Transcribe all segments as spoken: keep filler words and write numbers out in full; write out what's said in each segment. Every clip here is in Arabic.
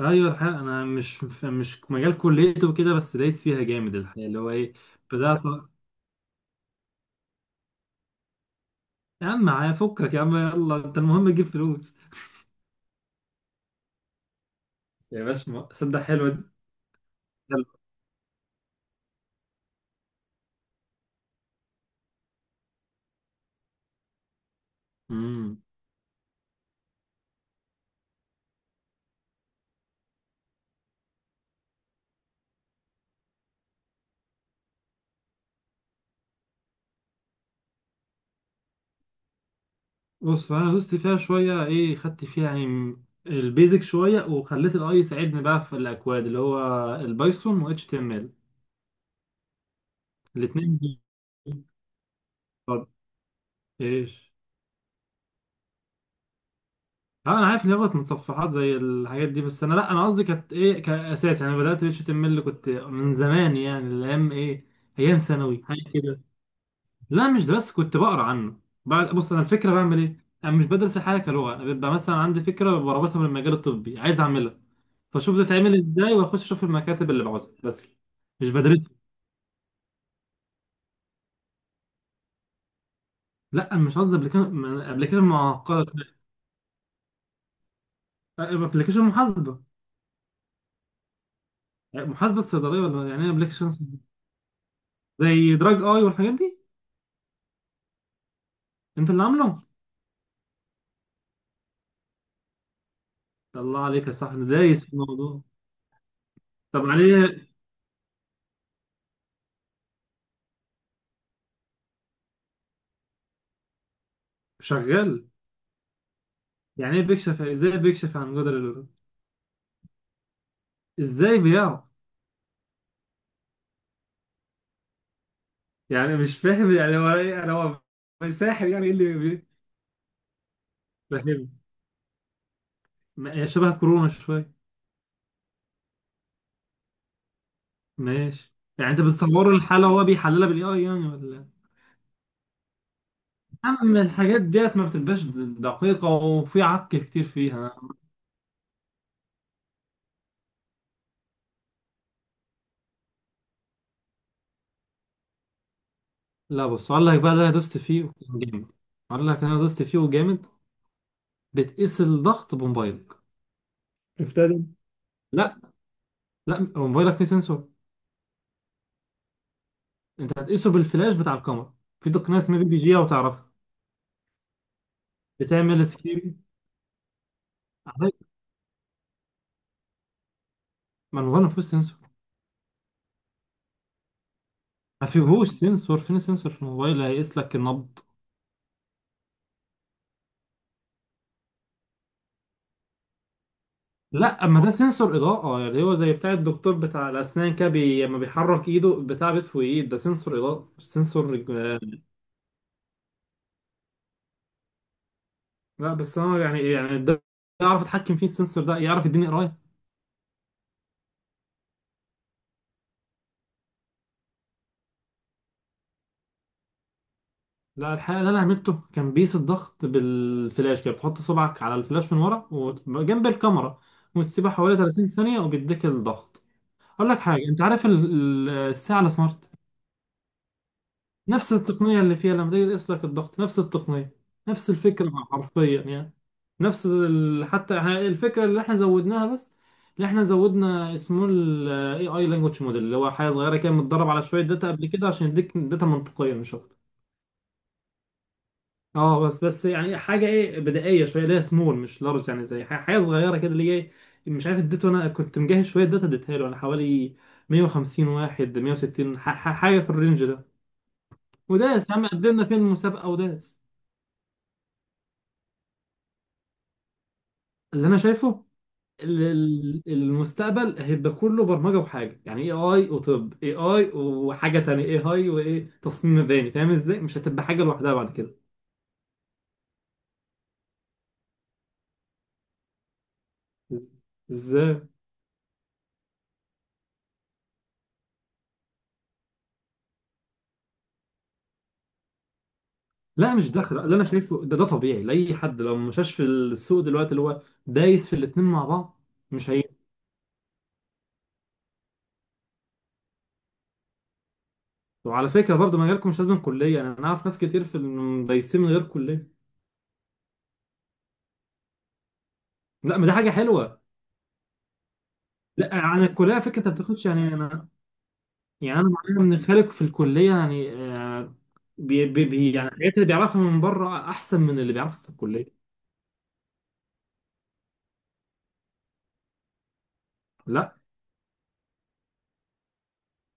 ايوه الحقيقه انا مش مش مجال كليته وكده بس دايس فيها جامد الحقيقه اللي هو ايه بدات. يا عم معايا فكك، يا عم يلا انت المهم تجيب فلوس. يا باشا، ما- صدق حلوه دي. يلا. امم. بص انا دوست فيها شويه، ايه خدت فيها يعني البيزك شويه وخليت الاي يساعدني بقى في الاكواد، اللي هو البايثون و اتش تي ام ال الاثنين. ايش؟ اه انا عارف ان هي غلط، متصفحات زي الحاجات دي، بس انا لا انا قصدي كانت ايه كاساس يعني. أنا بدات اتش تي ام ال كنت من زمان، يعني الايام ايه، ايام ثانوي حاجه كده. لا مش درست، كنت بقرا عنه. بعد بص انا الفكره بعمل ايه، انا مش بدرس الحاجه كلغه، انا بيبقى مثلا عندي فكره بربطها من المجال الطبي عايز اعملها، فاشوف بتتعمل ازاي واخش اشوف المكاتب اللي بعوزها بس. مش بدرسها. لا مش قصدي ابلكيشن، ابلكيشن معقده. ابلكيشن محاسبه. يعني محاسبه الصيدليه ولا يعني ايه ابلكيشن؟ زي دراج اي والحاجات دي. انت اللي عامله؟ الله عليك يا صاحبي، دايس في الموضوع. طب عليه؟ شغال؟ يعني ايه بيكشف؟ ازاي بيكشف عن جدر القلوب؟ ازاي بيعرف؟ يعني مش فاهم يعني هو ايه، يعني هو ساحر، يعني ايه اللي بي-؟ فاهم. ما- هي شبه كورونا شويه. ماشي، يعني انت بتصور الحاله وهو بيحللها بالاي اي يعني ولا؟ اما الحاجات ديت ما بتبقاش دقيقه، وفي عك كتير فيها. لا بص اقول لك بقى اللي انا دوست فيه وكان جامد، اقول لك انا دوست فيه وجامد. بتقيس الضغط بموبايلك. ابتدى. لا. لا هو موبايلك فيه سنسور. انت هتقيسه بالفلاش بتاع الكاميرا. في تقنيه اسمها بي بي جي لو تعرفها. بتعمل سكيب. ما الموبايل ما فيهوش سنسور. ما فيهوش سنسور، فين السنسور في الموبايل اللي هيقيس لك النبض؟ لا اما ده سنسور اضاءه، يعني هو زي بتاع الدكتور بتاع الاسنان كده، بي... لما بيحرك ايده بتاع بيطفو ايد، ده سنسور اضاءه مش سنسور رج- لا بس انا يعني يعني ده يعرف يتحكم فيه السنسور ده، يعرف يديني قرايه. لا الحقيقة اللي أنا عملته كان بيس الضغط بالفلاش كده، بتحط صبعك على الفلاش من ورا وجنب الكاميرا وتسيبها حوالي تلاتين ثانية وبيديك الضغط. أقول لك حاجة، أنت عارف ال- ال- الساعة السمارت؟ نفس التقنية اللي فيها لما تيجي تقيس لك الضغط، نفس التقنية، نفس الفكرة حرفيا يعني، نفس ال... حتى احنا الفكرة اللي احنا زودناها، بس اللي احنا زودنا اسمه ال إيه آي Language Model، اللي هو حاجة صغيرة كده متدرب على شوية داتا قبل كده عشان يديك داتا منطقية مش أكتر. اه بس بس يعني حاجه ايه بدائيه شويه، اللي هي سمول مش لارج، يعني زي ح- حاجه صغيره كده اللي هي إيه، مش عارف اديته، انا كنت مجهز شويه داتا اديتها له انا، حوالي مئة وخمسين واحد مئة وستين، ح- ح- حاجه في الرينج ده، وداس. يا عم قدمنا فين المسابقه وداس. اللي انا شايفه ال- ال- المستقبل هيبقى كله برمجه وحاجه، يعني اي اي وطب اي اي وحاجه تانية اي اي وايه تصميم مباني، فاهم ازاي؟ مش هتبقى حاجه لوحدها بعد كده. ازاي؟ لا مش داخل، اللي انا شايفه ده ده طبيعي لاي حد لو ما مشاش في السوق دلوقتي، اللي هو دايس في الاتنين مع بعض. مش هي. وعلى فكره برضه مجالكم مش لازم كليه، انا أنا اعرف ناس كتير في ال- دايسين من غير كليه. لا ما دي حاجه حلوه. لا عن الكليه فكره، انت ما بتاخدش يعني، انا يعني انا معايا من خالق في الكليه يعني آه، بي بي بي- يعني الحاجات اللي بيعرفها من بره احسن من اللي بيعرفها في الكليه. لا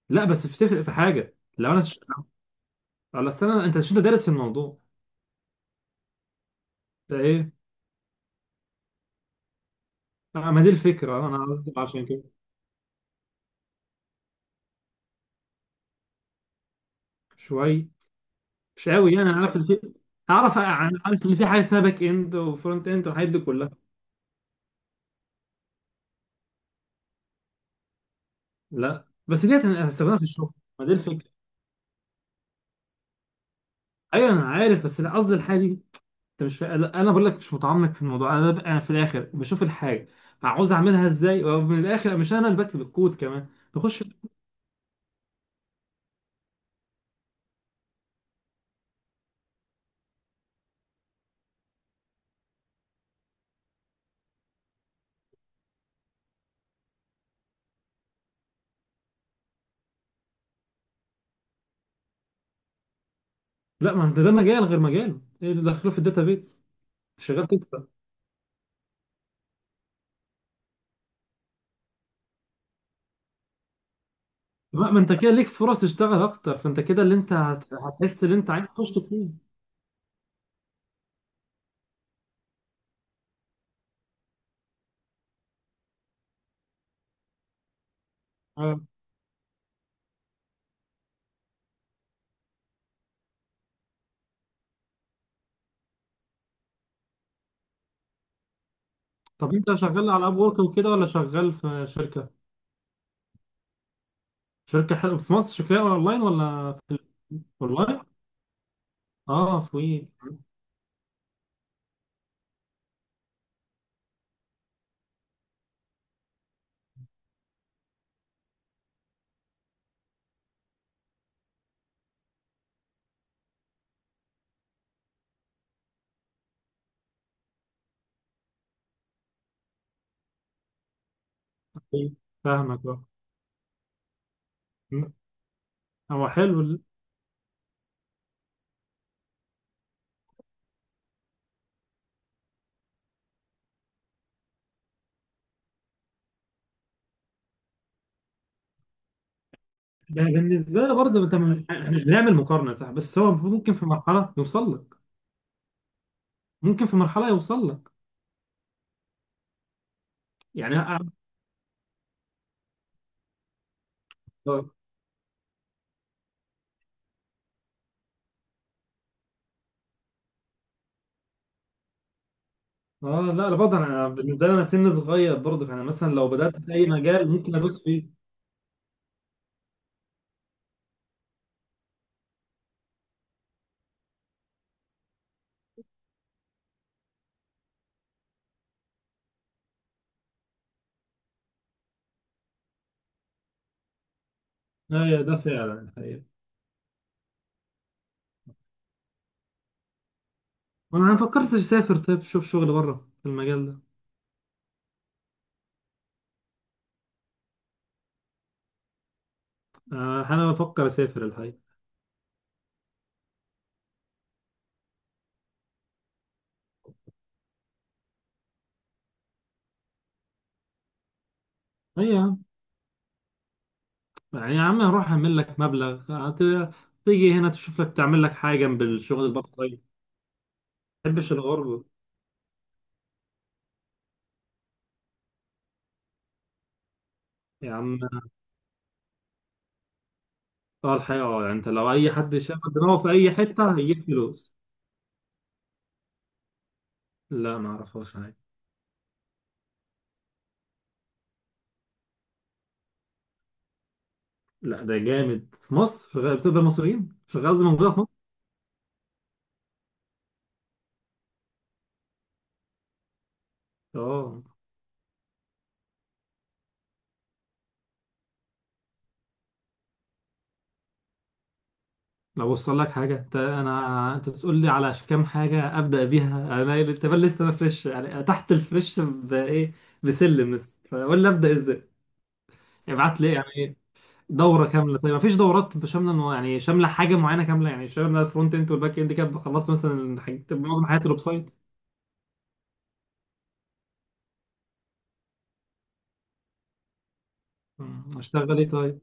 لا بس بتفرق في حاجه لو انا ش... على السنه، انت مش انت دارس الموضوع؟ ده ايه؟ آه، ما دي الفكره، انا قصدي عشان كده. شويه، مش قوي يعني، انا عارف ان في، اعرف عارف ان في حاجه اسمها باك اند وفرونت اند والحاجات دي كلها. لا بس ديت انا هستخدمها في الشغل. ما دي الفكره، ايوه انا عارف، بس أنا قصدي الحاجه دي. انت مش فا... لا انا بقول لك مش متعمق في الموضوع، انا ببقى في الاخر بشوف الحاجه عاوز اعملها ازاي، ومن الاخر مش انا اللي بكتب الكود كمان. بخش. لا ما انت ده مجال غير مجاله، ايه اللي دخله في الداتابيز؟ شغال كده؟ لا ما انت كده ليك فرص تشتغل اكتر، فانت كده اللي انت هت... هتحس اللي انت عايز تخش فيه. آه. طب انت شغال على اب وورك وكده ولا شغال في شركه؟ شركه حلوه، في مصر شكلها اونلاين ولا؟ اونلاين. اه في في- فاهمك اه. م- هو حلو ال- ده بالنسبه لي برضه، انت من- احنا مش بنعمل مقارنه صح، بس هو ممكن في مرحله يوصل لك، ممكن في مرحله يوصل لك، يعني أنا- اه. آه، لا لا برضه انا بالنسبه لي انا سن صغير برضه، فانا مثلا لو بدات في اي مجال ممكن ادوس فيه. ايوه ده فعلا الحقيقه. انا ما فكرتش اسافر، طيب شوف شغل بره في المجال ده. آه انا بفكر اسافر الحقيقه. ايوه، يعني يا عم هروح اعمل لك مبلغ، هت- تيجي هنا تشوف لك تعمل لك حاجه جنب الشغل البارت تايم. ما بحبش الغربه. يا عم اه الحقيقه، اه يعني انت لو اي حد شغل دماغه في اي حته هيجيب فلوس. لا ما اعرفهاش حاجه. لا ده جامد، في مصر شغال؟ بتقبل مصريين؟ شغال قصدي موجوده في مصر. اه. لو وصل لك حاجه انت انا انت تقول لي على كام حاجه ابدا بيها انا، انت بل لسه انا فريش يعني، تحت الفريش بايه، بسلم لسه، فقول لي ابدا ازاي، ابعت لي يعني. دورة كاملة، طيب مفيش دورات شاملة يعني، شاملة حاجة معينة كاملة يعني، شاملة الفرونت اند والباك اند كده خلصت مثلا حاجة- معظم حياة الويب سايت. مم، اشتغل ايه طيب؟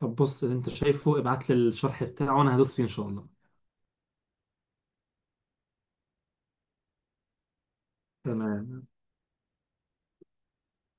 طب بص اللي انت شايفه ابعت لي الشرح بتاعه وانا هدوس فيه ان شاء الله. تمام.